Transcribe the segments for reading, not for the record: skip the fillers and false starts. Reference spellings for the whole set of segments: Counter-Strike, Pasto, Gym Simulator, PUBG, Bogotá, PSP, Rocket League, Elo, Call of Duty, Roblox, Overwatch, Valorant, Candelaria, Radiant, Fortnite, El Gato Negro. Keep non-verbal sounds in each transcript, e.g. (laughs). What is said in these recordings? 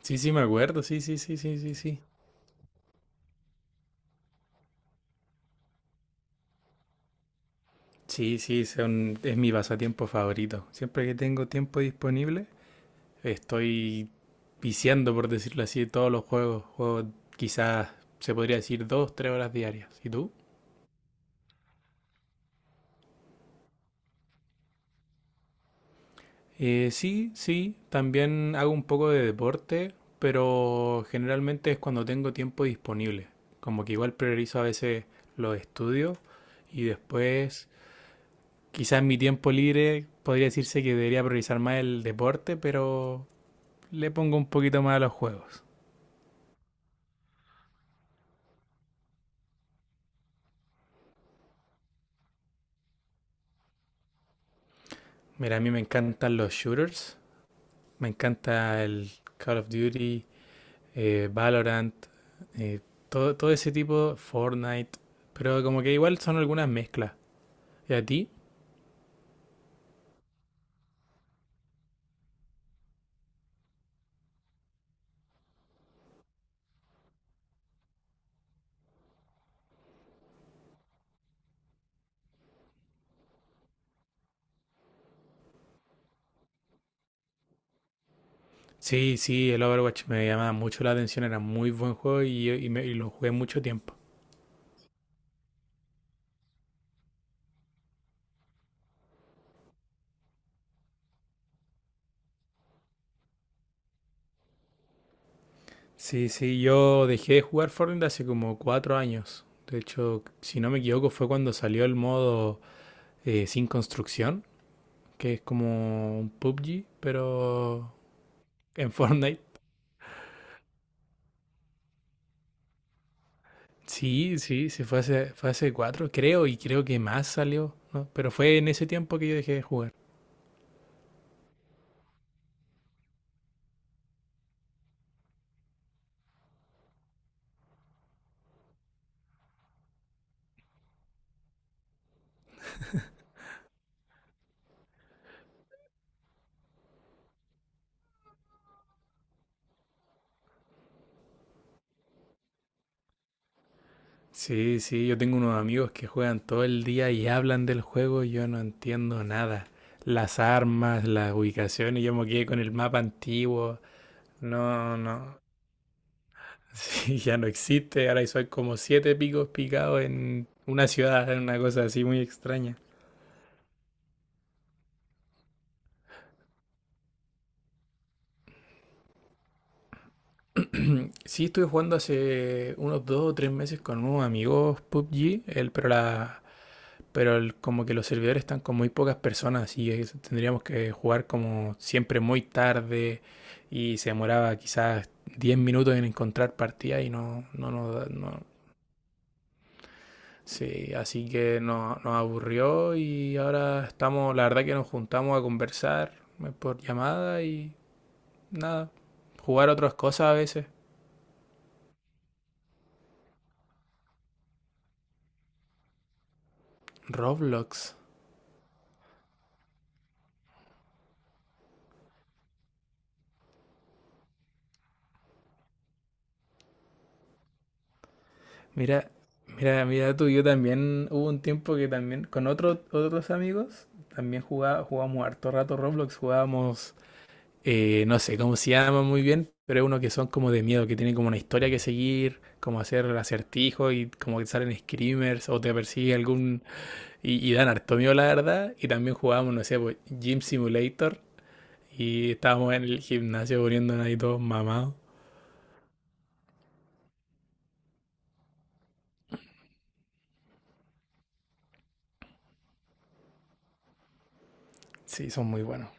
Sí, sí, me acuerdo, sí, sí, sí, sí, sí, sí. Es mi pasatiempo favorito. Siempre que tengo tiempo disponible, estoy viciando, por decirlo así, todos los juegos. Juego quizás, se podría decir, dos, tres horas diarias. ¿Y tú? Sí, sí, también hago un poco de deporte, pero generalmente es cuando tengo tiempo disponible. Como que igual priorizo a veces los estudios y después quizás en mi tiempo libre podría decirse que debería priorizar más el deporte, pero le pongo un poquito más a los juegos. Mira, a mí me encantan los shooters, me encanta el Call of Duty, Valorant, eh, todo, todo ese tipo, Fortnite, pero como que igual son algunas mezclas. ¿Y a ti? Sí, sí, el Overwatch me llamaba mucho la atención, era muy buen juego y lo jugué mucho tiempo. Sí, sí, yo dejé de jugar Fortnite hace como cuatro años. De hecho, si no me equivoco, fue cuando salió el modo sin construcción, que es como un PUBG, pero en (laughs) Fortnite. Sí, sí, sí, fue hace cuatro, creo, y creo que más salió, ¿no? Pero fue en ese tiempo que yo dejé de jugar. Sí, sí, yo tengo unos amigos que juegan todo el día y hablan del juego y yo no entiendo nada. Las armas, las ubicaciones, yo me quedé con el mapa antiguo. No, no, sí, ya no existe. Ahora son como siete picos picados en una ciudad, en una cosa así muy extraña. Sí, estuve jugando hace unos dos o tres meses con unos amigos PUBG, el, pero la, pero el- como que los servidores están con muy pocas personas tendríamos que jugar como siempre muy tarde y se demoraba quizás 10 minutos en encontrar partida y no, no, sí, así que nos aburrió y ahora estamos, la verdad que nos juntamos a conversar por llamada y nada, jugar otras cosas a veces. Roblox. Mira, mira, mira tú, yo también hubo un tiempo que también con otros amigos también jugaba, jugábamos harto rato Roblox, jugábamos, no sé cómo se llama muy bien, pero es uno que son como de miedo, que tienen como una historia que seguir, como hacer acertijos y como que salen screamers o te persigue algún. Y dan harto miedo, la verdad. Y también jugábamos, no sé, pues, Gym Simulator. Y estábamos en el gimnasio poniéndonos ahí todos mamados. Sí, son muy buenos.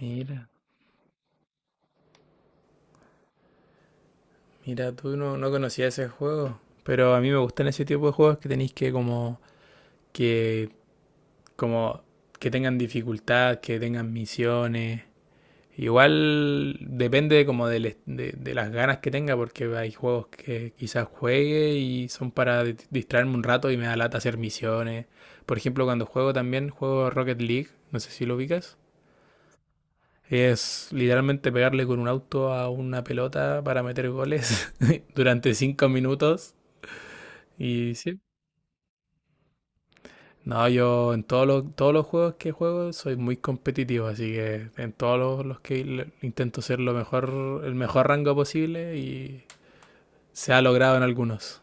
Mira, mira, tú no, no conocías ese juego. Pero a mí me gustan ese tipo de juegos que tenéis que como... Que, como que tengan dificultad, que tengan misiones. Igual depende como de las ganas que tenga, porque hay juegos que quizás juegue y son para distraerme un rato y me da lata hacer misiones. Por ejemplo, cuando juego también, juego Rocket League, no sé si lo ubicas. Es literalmente pegarle con un auto a una pelota para meter goles (laughs) durante cinco minutos. Y sí. No, yo en todos los juegos que juego soy muy competitivo, así que en todos intento ser lo mejor, el mejor rango posible y se ha logrado en algunos.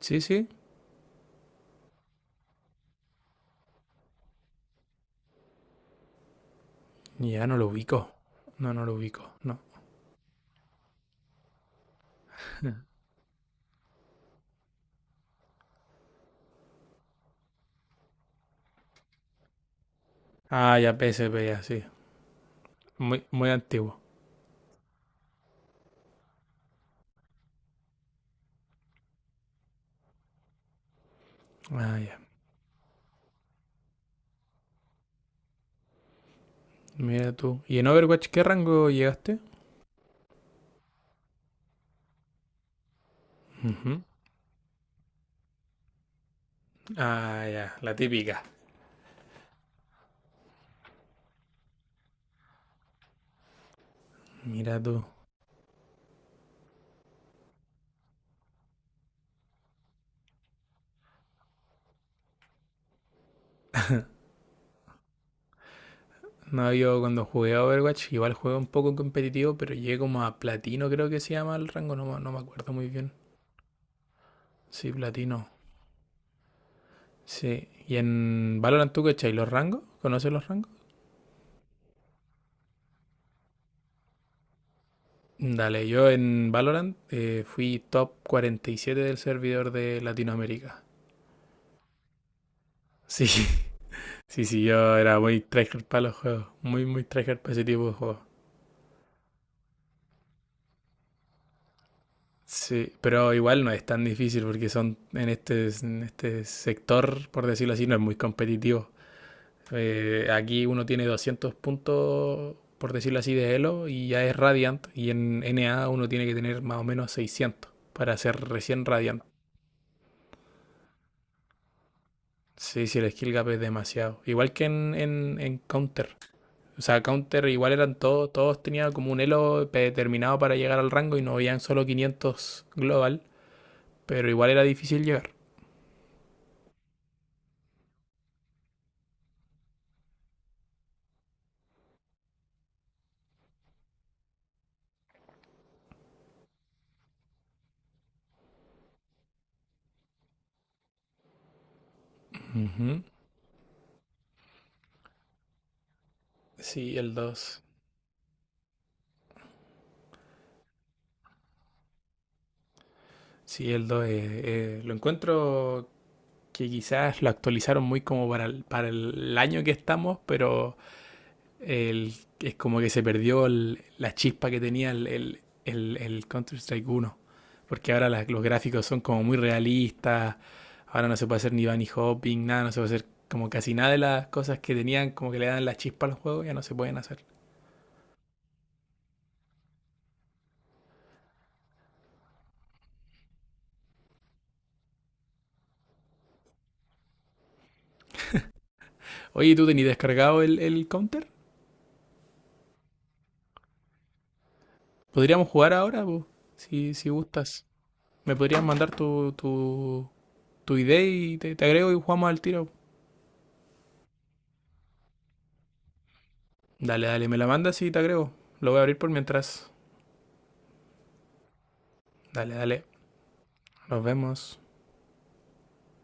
Sí, sí. Ya no lo ubico. No, no lo ubico. No. Ah, ya PSP, ya, sí. Muy, muy antiguo. Ah, ya. Mira tú. ¿Y en Overwatch qué rango llegaste? Ujú. Ah, ya. La típica. Mira tú. No, yo cuando jugué a Overwatch, igual jugué un poco competitivo, pero llegué como a platino, creo que se llama el rango. No, no me acuerdo muy bien. Sí, platino. Sí. ¿Y en Valorant tú qué cachai los rangos? ¿Conoces los rangos? Dale, yo en Valorant fui top 47 del servidor de Latinoamérica. Sí, (laughs) sí, sí, yo era muy tryhard para los juegos, muy, muy tryhard para ese tipo de juegos. Sí, pero igual no es tan difícil porque son en este sector, por decirlo así, no es muy competitivo. Aquí uno tiene 200 puntos, por decirlo así, de Elo y ya es Radiant. Y en NA uno tiene que tener más o menos 600 para ser recién Radiant. Sí, sí, el skill gap es demasiado. Igual que en Counter. O sea, Counter igual eran todos, todos tenían como un elo determinado para llegar al rango y no habían solo 500 global, pero igual era difícil llegar. Ujú. Sí, el 2, sí, el 2 lo encuentro que quizás lo actualizaron muy como para para el año que estamos, pero el- es como que se perdió la chispa que tenía el Counter-Strike uno. Porque ahora los gráficos son como muy realistas. Ahora no se puede hacer ni bunny hopping, nada, no se puede hacer como casi nada de las cosas que tenían, como que le dan la chispa al juego, ya no se pueden hacer. Oye, ¿tú tenías descargado el Counter? ¿Podríamos jugar ahora, po? ¿Si, si gustas? ¿Me podrías mandar tu ID y te agrego y jugamos al tiro? Dale, dale, me la mandas y te agrego. Lo voy a abrir por mientras. Dale, dale. Nos vemos.